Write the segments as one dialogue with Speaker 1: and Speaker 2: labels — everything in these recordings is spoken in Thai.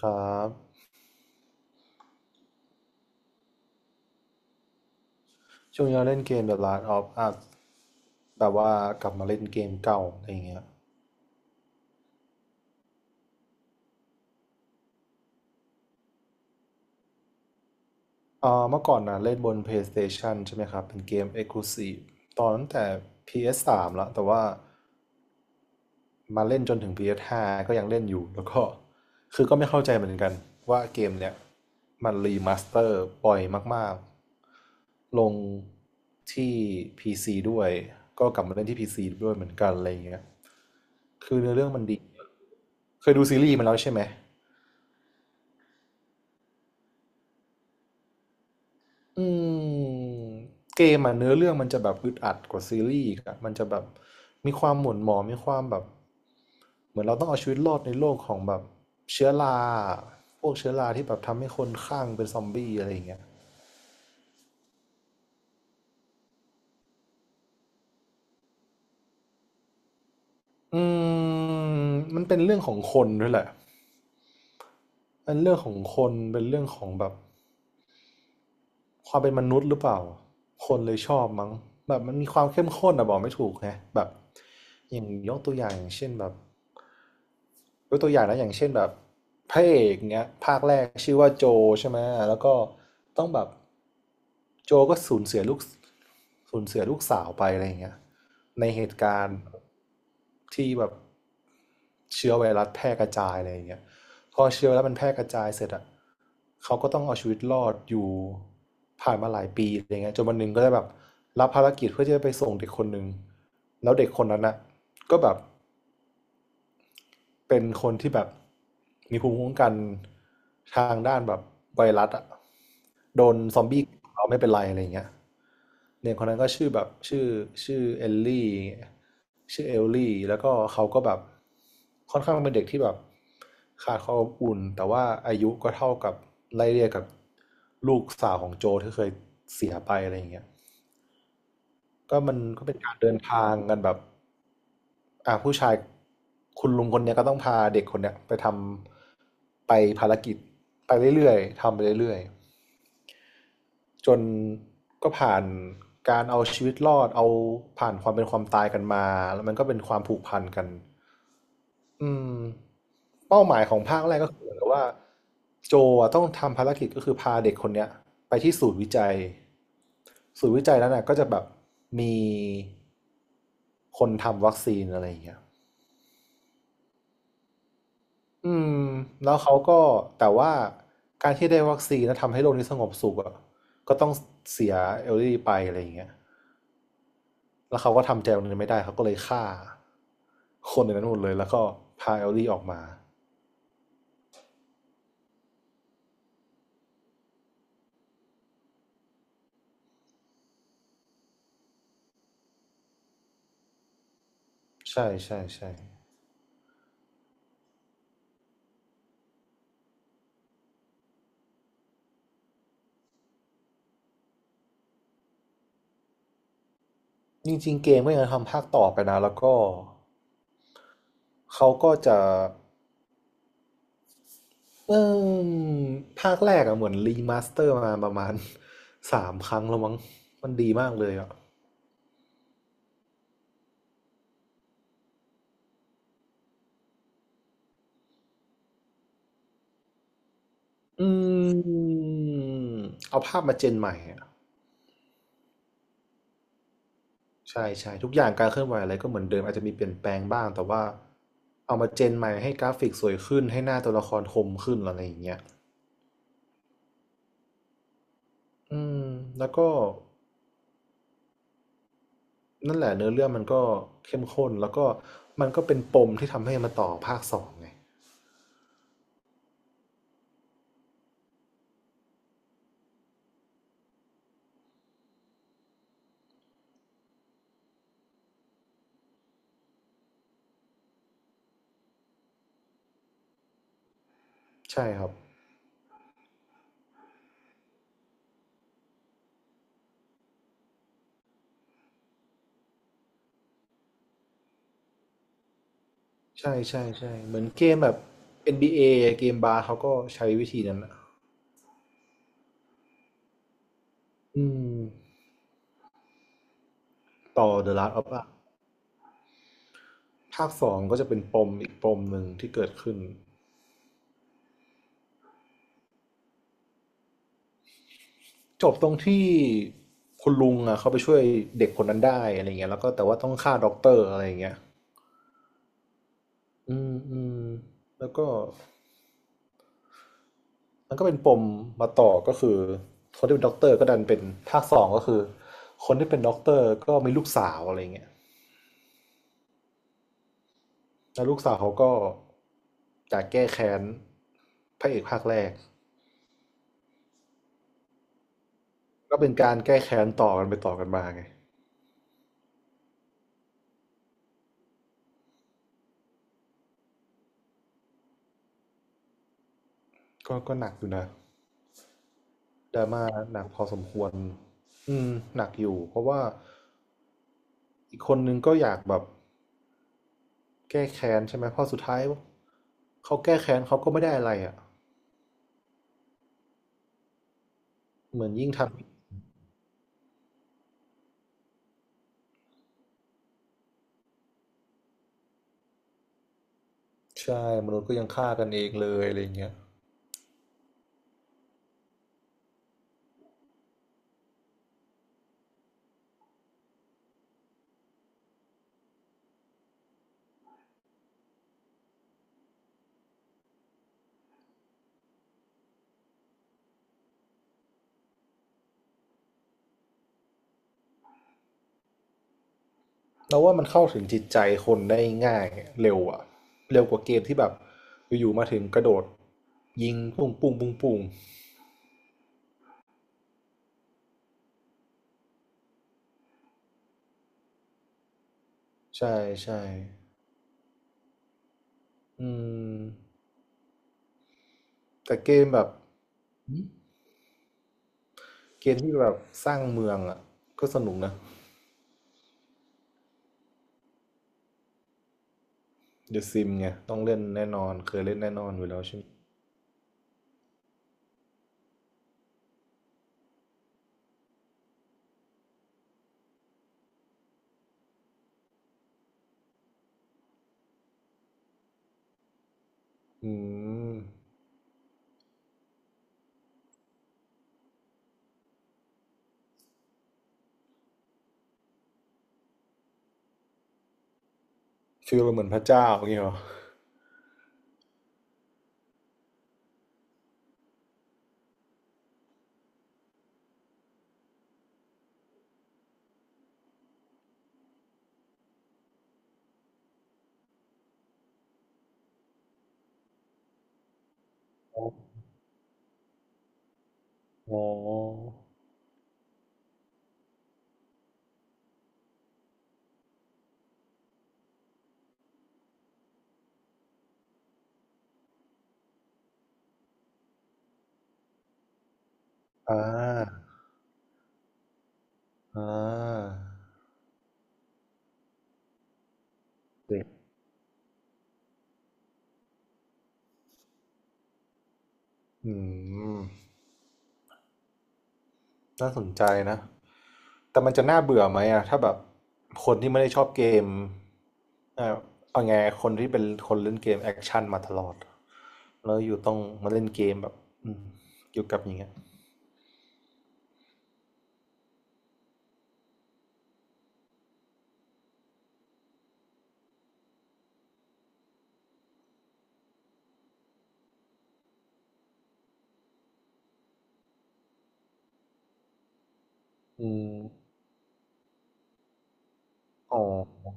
Speaker 1: ครับช่วงนี้เราเล่นเกมแบบ Last of Us แบบว่ากลับมาเล่นเกมเก่าอะไรอย่างเงี้ยเมื่อก่อนนะเล่นบน PlayStation ใช่ไหมครับเป็นเกม Exclusive ตอนตั้งแต่ PS3 แล้วแต่ว่ามาเล่นจนถึง PS5 ก็ยังเล่นอยู่แล้วก็คือก็ไม่เข้าใจเหมือนกันว่าเกมเนี้ยมันรีมาสเตอร์ปล่อยมากๆลงที่ PC ด้วยก็กลับมาเล่นที่ PC ด้วยเหมือนกันอะไรอย่างเงี้ยคือเนื้อเรื่องมันดีเคยดูซีรีส์มันแล้วใช่ไหม อืมเกมอ่ะเนื้อเรื่องมันจะแบบอึดอัดกว่าซีรีส์อีกอ่ะมันจะแบบมีความหม่นหมองมีความแบบเหมือนเราต้องเอาชีวิตรอดในโลกของแบบเชื้อราพวกเชื้อราที่แบบทำให้คนคลั่งเป็นซอมบี้อะไรอย่างเงี้ยอืมมันเป็นเรื่องของคนด้วยแหละเป็นเรื่องของคนเป็นเรื่องของแบบความเป็นมนุษย์หรือเปล่าคนเลยชอบมั้งแบบมันมีความเข้มข้นอะบอกไม่ถูกไงแบบอย่างยกตัวอย่างอย่างเช่นแบบ ยกตัวอย่างนะอย่างเช่นแบบพระเอกเนี้ยภาคแรกชื่อว่าโจใช่ไหมแล้วก็ต้องแบบโจก็สูญเสียลูกสูญเสียลูกสาวไปอะไรอย่างเงี้ยในเหตุการณ์ที่แบบเชื้อไวรัสแพร่กระจายอะไรอย่างเงี้ยพอเชื้อไวรัสมันแพร่กระจายเสร็จอ่ะเขาก็ต้องเอาชีวิตรอดอยู่ผ่านมาหลายปีอะไรเงี้ยจนวันหนึ่งก็ได้แบบรับภารกิจเพื่อที่จะไปส่งเด็กคนหนึ่งแล้วเด็กคนนั้นอ่ะก็แบบ เป็นคนที่แบบมีภูมิคุ้มกันทางด้านแบบไวรัสอะโดนซอมบี้เราไม่เป็นไรอะไรอย่างเงี้ยเด็กคนนั้นก็ชื่อแบบชื่อชื่อเอลลี่ชื่อเอลลี่แล้วก็เขาก็แบบค่อนข้างเป็นเด็กที่แบบขาดความอบอุ่นแต่ว่าอายุก็เท่ากับไล่เรียกกับลูกสาวของโจที่เคยเสียไปอะไรอย่างเงี้ย ก็มันก็เป็นการเดินทางกันแบบผู้ชายคุณลุงคนเนี้ยก็ต้องพาเด็กคนเนี้ยไปทำไปภารกิจไปเรื่อยๆทำไปเรื่อยๆจนก็ผ่านการเอาชีวิตรอดเอาผ่านความเป็นความตายกันมาแล้วมันก็เป็นความผูกพันกัน อืมเป้าหมายของภาคแรกก็คือเหมือนกับว่าโจอะต้องทำภารกิจก็คือพาเด็กคนเนี้ยไปที่ศูนย์วิจัยศูนย์วิจัยนั้นน่ะก็จะแบบมีคนทำวัคซีนอะไรอย่างเงี้ยอืมแล้วเขาก็แต่ว่าการที่ได้วัคซีนแล้วทำให้โลกนี้สงบสุขอ่ะก็ต้องเสียเอลลี่ไปอะไรอย่างเงี้ยแล้วเขาก็ทำใจตรงนี้ไม่ได้เขาก็เลยฆ่าคนในนั้นหมดเลยแล้วก็พาเอลลี่ออกมาใช่ใช่ใช่ จริงๆเกมก็ยังทำภาคต่อไปนะแล้วก็เขาก็จะเอมภาคแรกอะเหมือนรีมาสเตอร์มาประมาณ สามครั้งแล้วมั้งมันดีมากเลยอะอืมเอาภาพมาเจนใหม่อะใช่ใช่ทุกอย่างการเคลื่อนไหวอะไรก็เหมือนเดิมอาจจะมีเปลี่ยนแปลงบ้างแต่ว่าเอามาเจนใหม่ให้กราฟิกสวยขึ้นให้หน้าตัวละครคมขึ้นอะไรอย่างเงี้ยอืมแล้วก็ นั่นแหละเนื้อเรื่องมันก็เข้มข้นแล้วก็มันก็เป็นปมที่ทำให้มาต่อภาคสองไงใช่ครับใช่ใช่ใช่เหมือนเกมแบบ NBA เอเกมบาร์เขาก็ใช้วิธีนั้นนะอืมต่อ The Last of Us ภาคสองก็จะเป็นปมอีกปมหนึ่งที่เกิดขึ้นจบตรงที่คุณลุงอ่ะเขาไปช่วยเด็กคนนั้นได้อะไรเงี้ยแล้วก็แต่ว่าต้องฆ่าด็อกเตอร์อะไรเงี้ยอืมอืมแล้วก็ มันก็เป็นปมมาต่อก็คือคนที่เป็นด็อกเตอร์ก็ดันเป็นภาคสองก็คือคนที่เป็นด็อกเตอร์ก็มีลูกสาวอะไรเงี้ยแล้วลูกสาวเขาก็อยากแก้แค้นพระเอกภาคแรกก็เป็นการแก้แค้นต่อกันไปต่อกันมาไงก็ก็หนักอยู่นะดราม่าหนักพอสมควรอืมหนักอยู่เพราะว่าอีกคนนึงก็อยากแบบแก้แค้นใช่ไหมเพราะสุดท้ายเขาแก้แค้นเขาก็ไม่ได้อะไรอ่ะเหมือนยิ่งทำ ใช่มนุษย์ก็ยังฆ่ากันเองเลยอะไรเงี้ยเราว่ามันเข้าถึงจิตใจคนได้ง่ายเร็วอะเร็วกว่าเกมที่แบบอยู่ๆมาถึงกระโดดยิงปุ้งปุ้งปุ้งปุ้งใช่ใช่อืมแต่เกมแบบเกมที่แบบสร้างเมืองอะก็สนุกนะเดอะซิมไงต้องเล่นแน่นอนเคยเล่นแน่นอนอยู่แล้วใช่ไหมอืมฟีลเหมือนพระเจ้าอย่างเงี้ยเหรออ๋ออออ่าอ่าเด็กอืม น่าสนใจนะแต่มันจะน่าเบื่อไหมอะถ้าแบบคนที่ไม่ได้ชอบเกมเอ่อเอาไงคนที่เป็นคนเล่นเกมแอคชั่นมาตลอดแล้วอยู่ต้องมาเล่นเกมแบบอืมอยู่กับอย่างเงี้ยอืมอ๋อ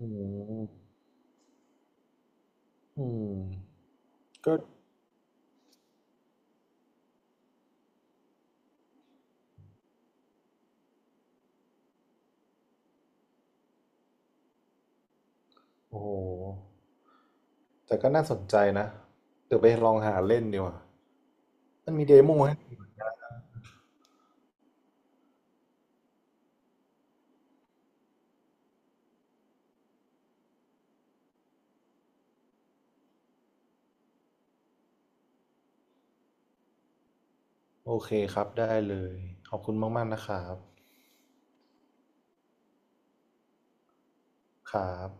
Speaker 1: อืมอืมก็โอ้โหแต่ก็น่าสนใจนะเดี๋ยวไปลองหาเล่นดีกว่ามันมีเดโมให้โอเคครับได้เลยขอบคุณมากๆนะครับครับ